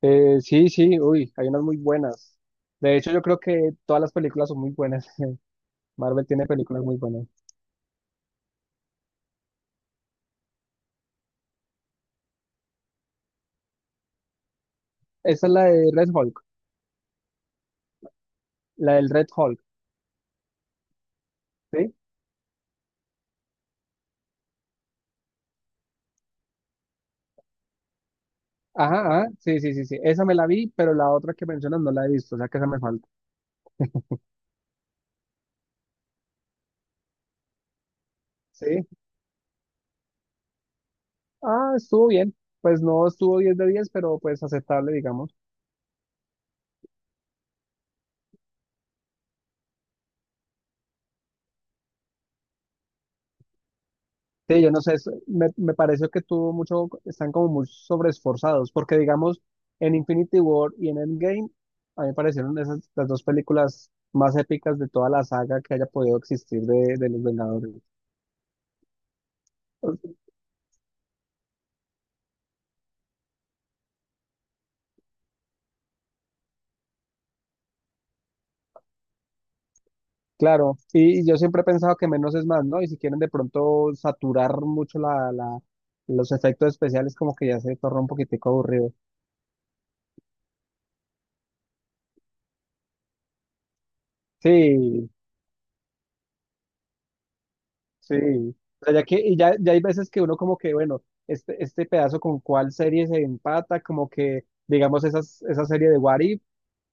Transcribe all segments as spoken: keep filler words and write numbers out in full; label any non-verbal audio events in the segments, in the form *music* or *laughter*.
Eh, sí, sí, uy, hay unas muy buenas. De hecho, yo creo que todas las películas son muy buenas. *laughs* Marvel tiene películas muy buenas. Esa es la de Red Hulk, la del Red Hulk, ¿sí? Ajá, ajá, sí, sí, sí, sí. Esa me la vi, pero la otra que mencionas no la he visto, o sea que esa me falta. Sí. Ah, estuvo bien. Pues no estuvo diez de diez pero pues aceptable, digamos. Sí, yo no sé, es- me, me pareció que tuvo mucho, están como muy sobreesforzados, porque digamos, en Infinity War y en Endgame, a mí me parecieron esas las dos películas más épicas de toda la saga que haya podido existir de, de los Vengadores. Claro, y, y yo siempre he pensado que menos es más, ¿no? Y si quieren de pronto saturar mucho la, la, los efectos especiales, como que ya se torna un poquitico aburrido. Sí, Sí, o sea, ya que, y ya, ya hay veces que uno como que, bueno, este, este pedazo con cuál serie se empata, como que, digamos, esas, esa serie de What If,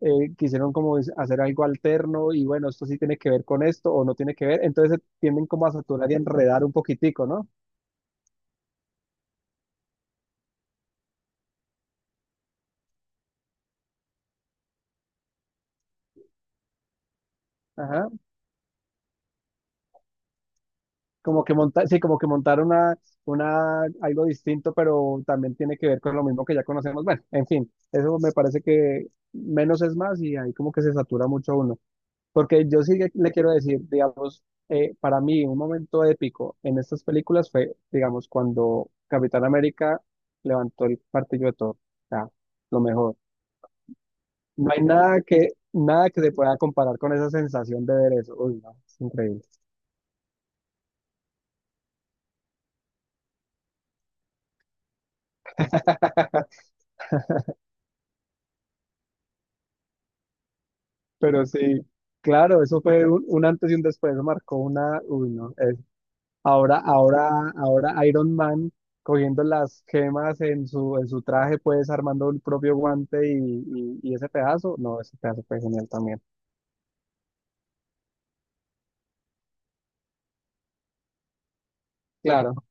eh, quisieron como es- hacer algo alterno y bueno, esto sí tiene que ver con esto o no tiene que ver, entonces se tienden como a saturar y a enredar un poquitico, ¿no? Ajá, como que montar, sí, como que montar una, una, algo distinto, pero también tiene que ver con lo mismo que ya conocemos. Bueno, en fin, eso me parece que menos es más y ahí como que se satura mucho uno. Porque yo sí que le quiero decir, digamos, eh, para mí un momento épico en estas películas fue, digamos, cuando Capitán América levantó el martillo de Thor. O sea, lo mejor. No hay nada que, nada que se pueda comparar con esa sensación de ver eso. Uy, no, es increíble. *laughs* Pero sí, claro, eso fue un, un antes y un después, eso marcó una, uy, no. Ahora, ahora, ahora Iron Man cogiendo las gemas en su, en su traje, pues armando el propio guante y, y- y ese pedazo. No, ese pedazo fue genial también. Claro.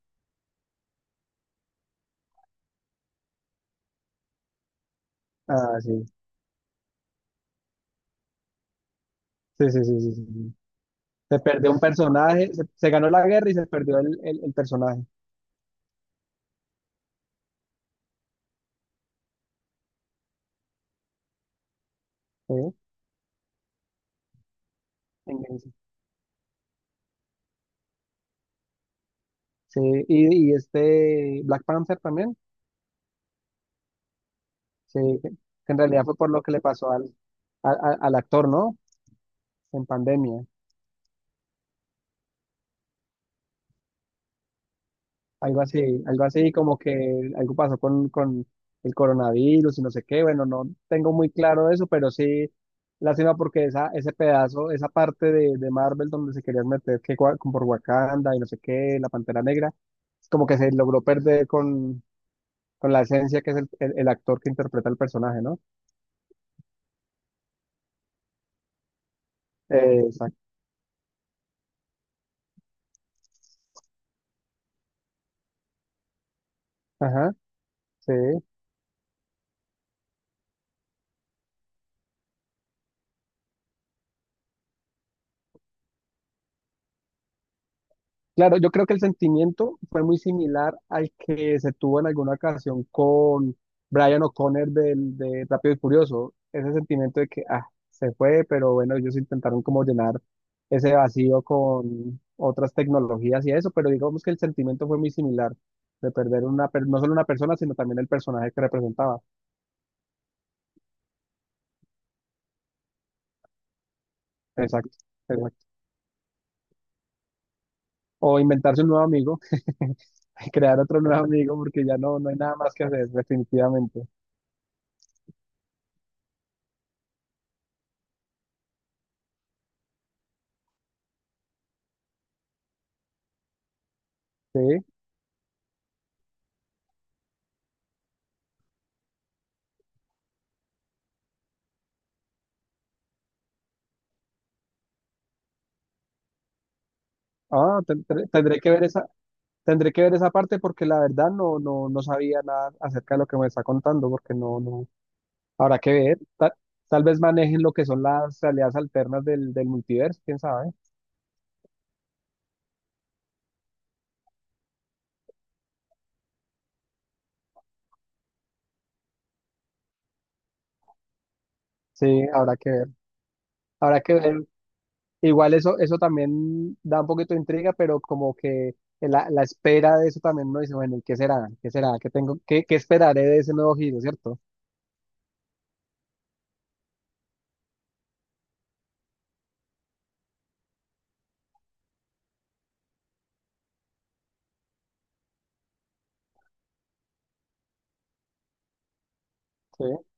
Ah, sí. Sí, sí, sí, sí, sí, sí. Se perdió un personaje, se, se ganó la guerra y se perdió el, el, el personaje. Sí, en eso. Sí, y, y este Black Panther también, sí, que que en realidad fue por lo que le pasó al, al, al al actor, ¿no? En pandemia. Algo así, algo así como que algo pasó con, con el coronavirus y no sé qué. Bueno, no tengo muy claro eso, pero sí, lástima porque esa, ese pedazo, esa parte de, de Marvel donde se querían meter que gua- con por Wakanda y no sé qué, la Pantera Negra, como que se logró perder con, con la esencia que es el, el- el actor que interpreta el personaje, ¿no? Eh, exacto. Ajá, sí. Claro, yo creo que el sentimiento fue muy similar al que se tuvo en alguna ocasión con Brian O'Connor del, de Rápido y Furioso. Ese sentimiento de que, ah, se fue, pero bueno, ellos intentaron como llenar ese vacío con otras tecnologías y eso, pero digamos que el sentimiento fue muy similar de perder una, per- no solo una persona, sino también el personaje que representaba. Exacto, exacto. O inventarse un nuevo amigo, *laughs* crear otro nuevo amigo, porque ya no, no hay nada más que hacer, definitivamente. Sí. Ah, tendré, tendré que ver esa, tendré que ver esa parte porque la verdad no, no, no sabía nada acerca de lo que me está contando, porque no, no, habrá que ver. Ta- Tal vez manejen lo que son las realidades alternas del, del multiverso, quién sabe. Sí, habrá que ver. Habrá que ver. Igual eso, eso también da un poquito de intriga, pero como que la, la espera de eso también uno dice, bueno, ¿y qué será? ¿Qué será? ¿Qué tengo? ¿Qué, qué esperaré de ese nuevo giro, cierto? Sí.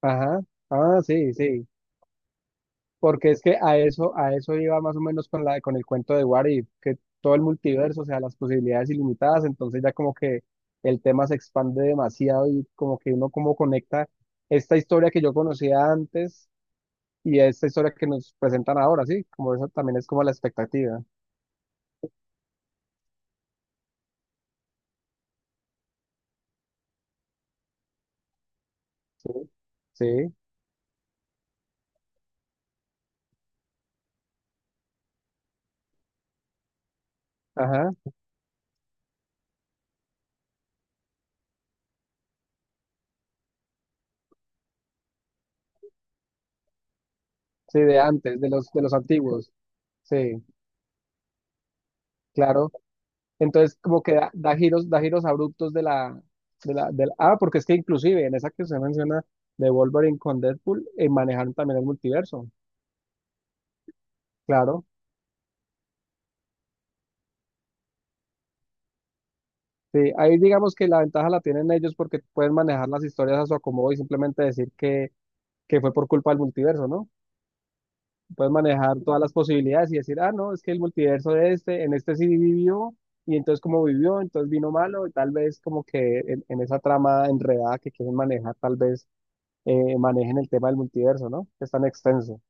Ajá. Ah, sí, sí. Porque es que a eso, a eso iba más o menos con la, con el cuento de What If, que todo el multiverso, o sea, las posibilidades ilimitadas, entonces ya como que el tema se expande demasiado y como que uno como conecta esta historia que yo conocía antes y esta historia que nos presentan ahora, sí, como eso también es como la expectativa, sí, sí, ajá, sí, de antes, de los, de los antiguos, sí, claro. Entonces, como que da, da giros, da giros abruptos de la, de la, de la- Ah, porque es que inclusive en esa que usted menciona de Wolverine con Deadpool, eh, manejaron también el multiverso, claro. Sí, ahí digamos que la ventaja la tienen ellos porque pueden manejar las historias a su acomodo y simplemente decir que, que fue por culpa del multiverso, ¿no? Pueden manejar todas las posibilidades y decir, ah, no, es que el multiverso de este, en este sí vivió, y entonces como vivió, entonces vino malo, y tal vez como que en, en esa trama enredada que quieren manejar, tal vez eh, manejen el tema del multiverso, ¿no? Que es tan extenso.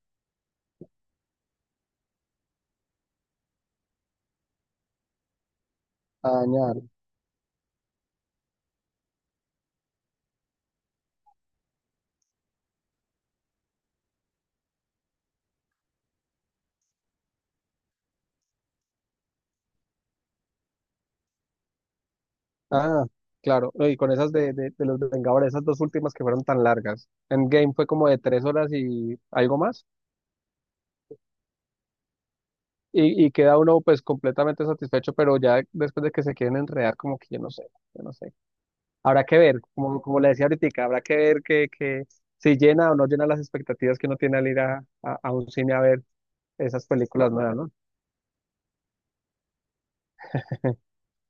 A dañar. Ah, claro. No, y con esas de, de, de los Vengadores, esas dos últimas que fueron tan largas. Endgame fue como de tres horas y algo más. Y, y queda uno pues completamente satisfecho, pero ya después de que se quieren enredar, como que yo no sé, yo no sé. Habrá que ver, como, como le decía ahorita, habrá que ver que, que si llena o no llena las expectativas que uno tiene al ir a, a, a un cine a ver esas películas nuevas, ¿no?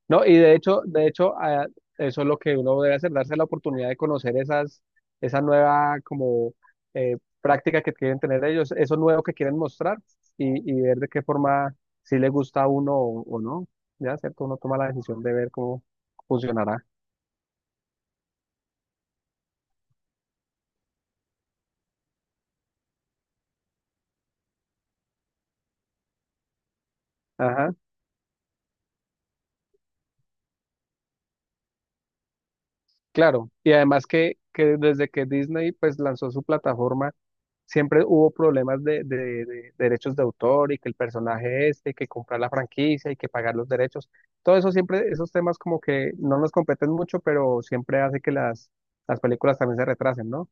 No, y de hecho, de hecho, a- eso es lo que uno debe hacer, darse la oportunidad de conocer esas, esa nueva como eh, práctica que quieren tener ellos, eso nuevo que quieren mostrar y, y ver de qué forma si le gusta a uno o, o no. Ya, ¿cierto? Uno toma la decisión de ver cómo funcionará. Ajá, claro. Y además que, que desde que Disney pues lanzó su plataforma, siempre hubo problemas de, de- de derechos de autor y que el personaje este, que comprar la franquicia y que pagar los derechos. Todo eso siempre, esos temas como que no nos competen mucho, pero siempre hace que las, las películas también se retrasen, ¿no?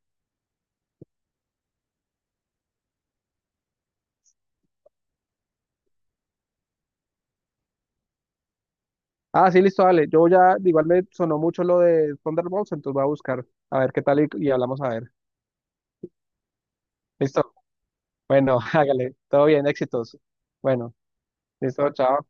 Ah, sí, listo, dale. Yo ya, igual me sonó mucho lo de Thunderbolts, entonces voy a buscar a ver qué tal y, y hablamos a ver. Listo. Bueno, *laughs* hágale. Todo bien, éxitos. Bueno, listo, chao.